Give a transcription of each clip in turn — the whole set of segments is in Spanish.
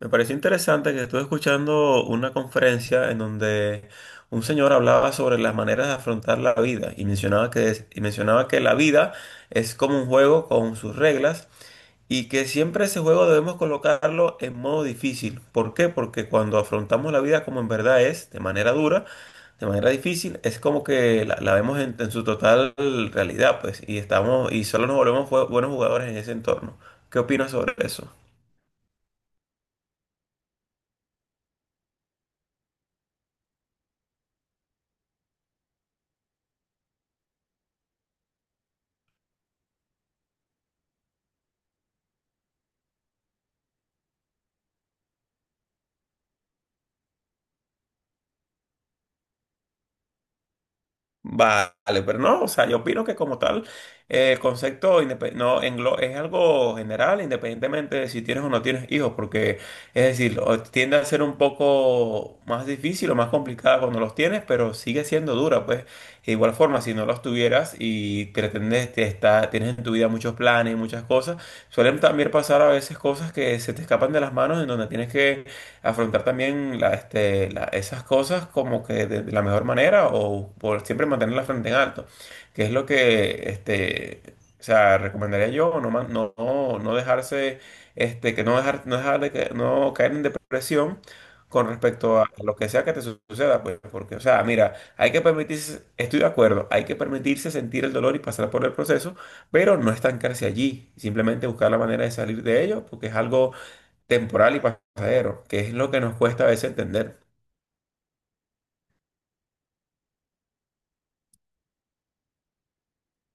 Me pareció interesante que estuve escuchando una conferencia en donde un señor hablaba sobre las maneras de afrontar la vida y mencionaba que, y mencionaba que la vida es como un juego con sus reglas y que siempre ese juego debemos colocarlo en modo difícil. ¿Por qué? Porque cuando afrontamos la vida como en verdad es, de manera dura, de manera difícil, es como que la vemos en su total realidad, pues, y estamos, y solo nos volvemos buenos jugadores en ese entorno. ¿Qué opinas sobre eso? Vale, pero no, o sea, yo opino que como tal, el concepto no, es algo general, independientemente de si tienes o no tienes hijos, porque es decir, tiende a ser un poco más difícil o más complicada cuando los tienes, pero sigue siendo dura, pues. De igual forma, si no los tuvieras y pretendes, te está, tienes en tu vida muchos planes, muchas cosas, suelen también pasar a veces cosas que se te escapan de las manos en donde tienes que afrontar también la, este, esas cosas como que de la mejor manera o por siempre mantener la frente en alto, que es lo que, este, o sea, recomendaría yo, no, no, no dejarse, este, que no dejar, no dejar de que, no caer en depresión con respecto a lo que sea que te suceda, pues, porque, o sea, mira, hay que permitirse, estoy de acuerdo, hay que permitirse sentir el dolor y pasar por el proceso, pero no estancarse allí, simplemente buscar la manera de salir de ello, porque es algo temporal y pasajero, que es lo que nos cuesta a veces entender.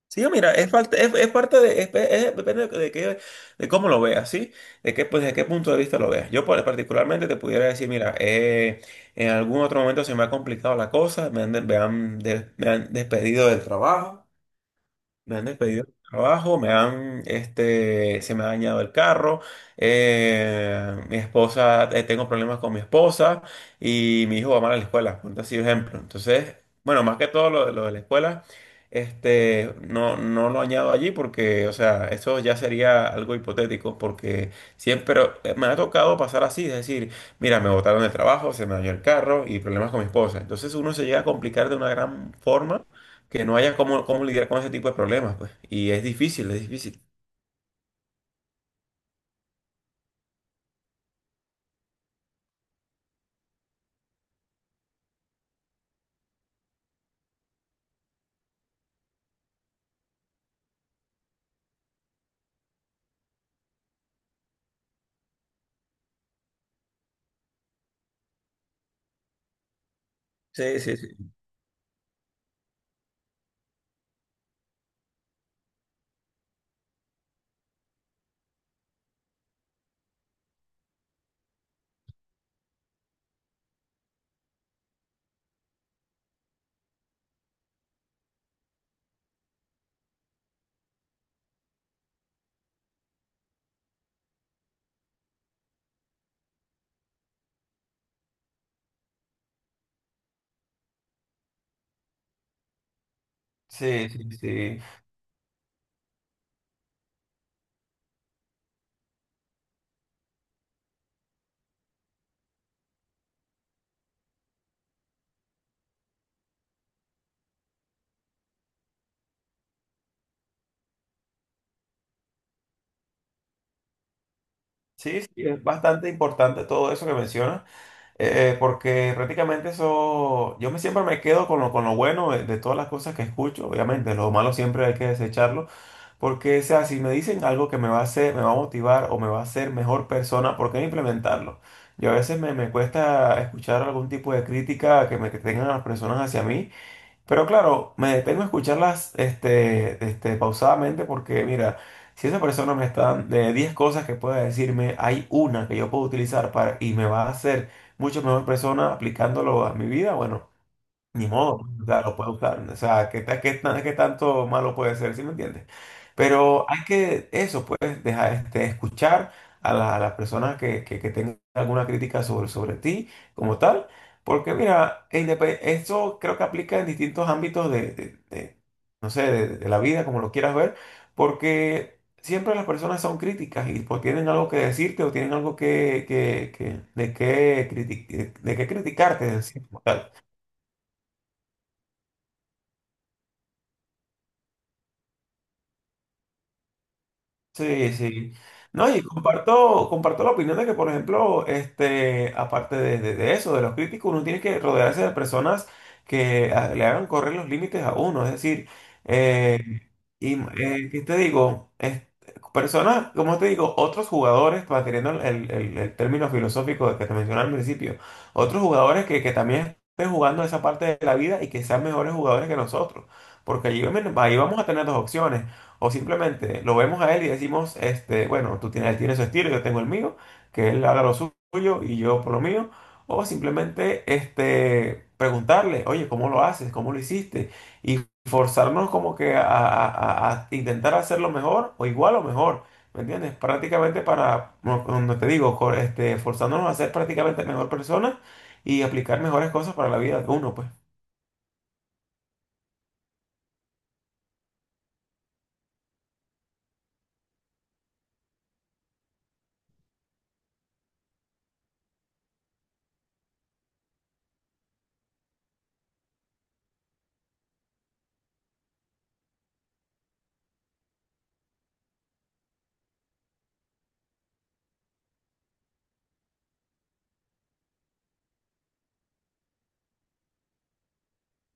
Sí, mira, es parte de, depende de, de cómo lo veas, ¿sí? De qué, pues, de qué punto de vista lo veas. Yo particularmente te pudiera decir, mira, en algún otro momento se me ha complicado la cosa, me han, me han me han despedido del trabajo. Me han despedido del trabajo, me han, este, se me ha dañado el carro, mi esposa, tengo problemas con mi esposa y mi hijo va mal a la escuela, por así ejemplo. Entonces, bueno, más que todo lo de la escuela, este, no, no lo añado allí porque, o sea, eso ya sería algo hipotético porque siempre me ha tocado pasar así, es decir, mira, me botaron del trabajo, se me dañó el carro y problemas con mi esposa. Entonces uno se llega a complicar de una gran forma que no haya cómo, cómo lidiar con ese tipo de problemas, pues. Y es difícil, es difícil. Sí, sí, sí. Sí, sí, sí. Sí, sí, es bastante importante todo eso que mencionas, porque prácticamente eso, yo me siempre me quedo con lo bueno de todas las cosas que escucho, obviamente, lo malo siempre hay que desecharlo, porque, o sea, si me dicen algo que me va a hacer, me va a motivar o me va a hacer mejor persona, ¿por qué no implementarlo? Yo a veces me, me cuesta escuchar algún tipo de crítica que me que tengan las personas hacia mí. Pero claro, me detengo a escucharlas pausadamente porque, mira, si esa persona me está dando de 10 cosas que pueda decirme, hay una que yo puedo utilizar para, y me va a hacer mucho mejor persona aplicándolo a mi vida, bueno, ni modo, o sea, lo puede usar. O sea, qué, qué tanto malo puede ser? ¿Sí me entiendes? Pero hay que, eso, pues, dejar, este, escuchar a la, a las personas que, que tengan alguna crítica sobre, sobre ti como tal. Porque, mira, eso creo que aplica en distintos ámbitos de, de, no sé, de la vida, como lo quieras ver. Porque siempre las personas son críticas y pues, tienen algo que decirte o tienen algo que, de qué de qué criticarte, en sí, como tal. Sí, sí. No, y comparto, comparto la opinión de que, por ejemplo, este, aparte de, de eso, de los críticos, uno tiene que rodearse de personas que ah, le hagan correr los límites a uno. Es decir, eh, y ¿qué te digo? Personas, como te digo, otros jugadores, manteniendo el, el término filosófico que te mencioné al principio, otros jugadores que también estén jugando esa parte de la vida y que sean mejores jugadores que nosotros. Porque allí, ahí vamos a tener dos opciones. O simplemente lo vemos a él y decimos, este, bueno, tú tienes, él tiene su estilo, yo tengo el mío, que él haga lo suyo y yo por lo mío. O simplemente este, preguntarle, oye, ¿cómo lo haces? ¿Cómo lo hiciste? Forzarnos como que a, a intentar hacerlo mejor o igual o mejor, ¿me entiendes? Prácticamente para, no no te digo, este, forzándonos a ser prácticamente mejor personas y aplicar mejores cosas para la vida de uno, pues.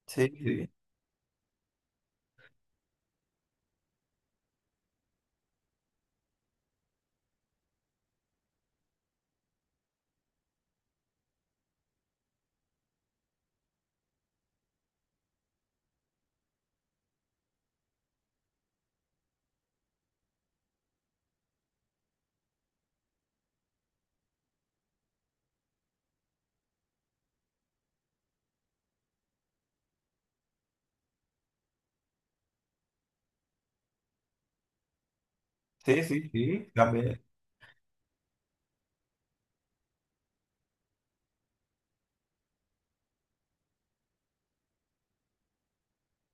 Sí, sí, sí, sí, sí, también.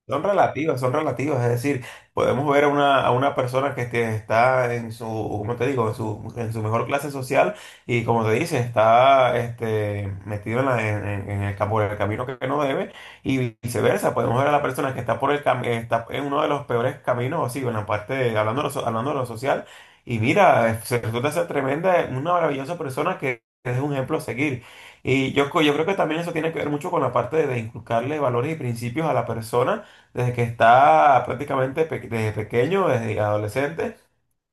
Son relativas, es decir, podemos ver a una persona que este, está en su, ¿cómo te digo?, en su mejor clase social y como te dice, está este, metido en, en el, por el camino que no debe y viceversa, podemos ver a la persona que está por el está en uno de los peores caminos, así, en la parte, hablando de lo, hablando de lo social, y mira, se resulta ser tremenda, una maravillosa persona que es un ejemplo a seguir. Y yo, yo creo que también eso tiene que ver mucho con la parte de inculcarle valores y principios a la persona desde que está prácticamente desde pequeño, desde adolescente,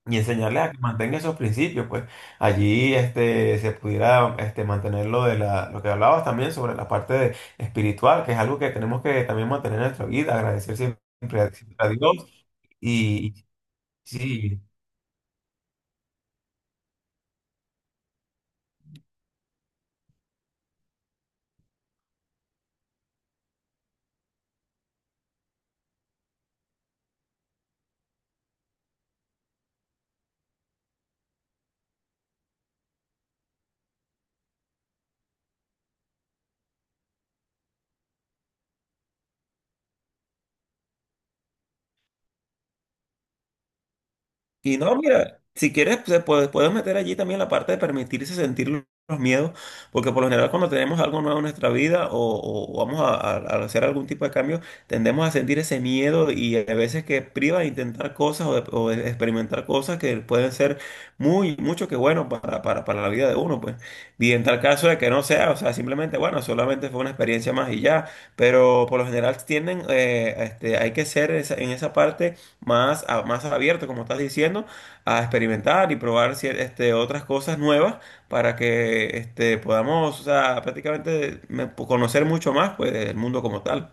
y enseñarles a que mantengan esos principios, pues allí este, se pudiera este, mantener lo de la, lo que hablabas también sobre la parte espiritual, que es algo que tenemos que también mantener en nuestra vida, agradecer siempre a siempre a Dios y, y sí. Y no, mira, si quieres, pues, se puede, puedes meter allí también la parte de permitirse sentir los miedos, porque por lo general cuando tenemos algo nuevo en nuestra vida o, o vamos a, a hacer algún tipo de cambio, tendemos a sentir ese miedo y a veces que priva de intentar cosas o de experimentar cosas que pueden ser muy, mucho que bueno para la vida de uno, pues. Y en tal caso de que no sea, o sea, simplemente, bueno, solamente fue una experiencia más y ya, pero por lo general tienden, este, hay que ser en esa parte más, más abierto, como estás diciendo, a experimentar y probar este, otras cosas nuevas para que este, podamos, o sea, prácticamente conocer mucho más pues, del mundo como tal.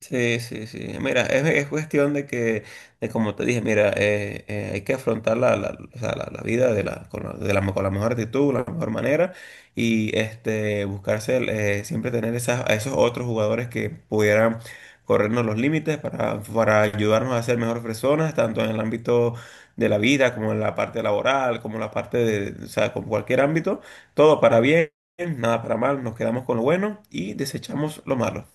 Sí, sí, sí. Mira, es cuestión de que, de como te dije, mira, hay que afrontar la, la, o sea, la vida de la, con la, de la, con la mejor actitud, la mejor manera y este, buscarse, el, siempre tener esas, a esos otros jugadores que pudieran corrernos los límites para ayudarnos a ser mejores personas, tanto en el ámbito de la vida como en la parte laboral, como en la parte de, o sea, con cualquier ámbito, todo para bien, nada para mal, nos quedamos con lo bueno y desechamos lo malo.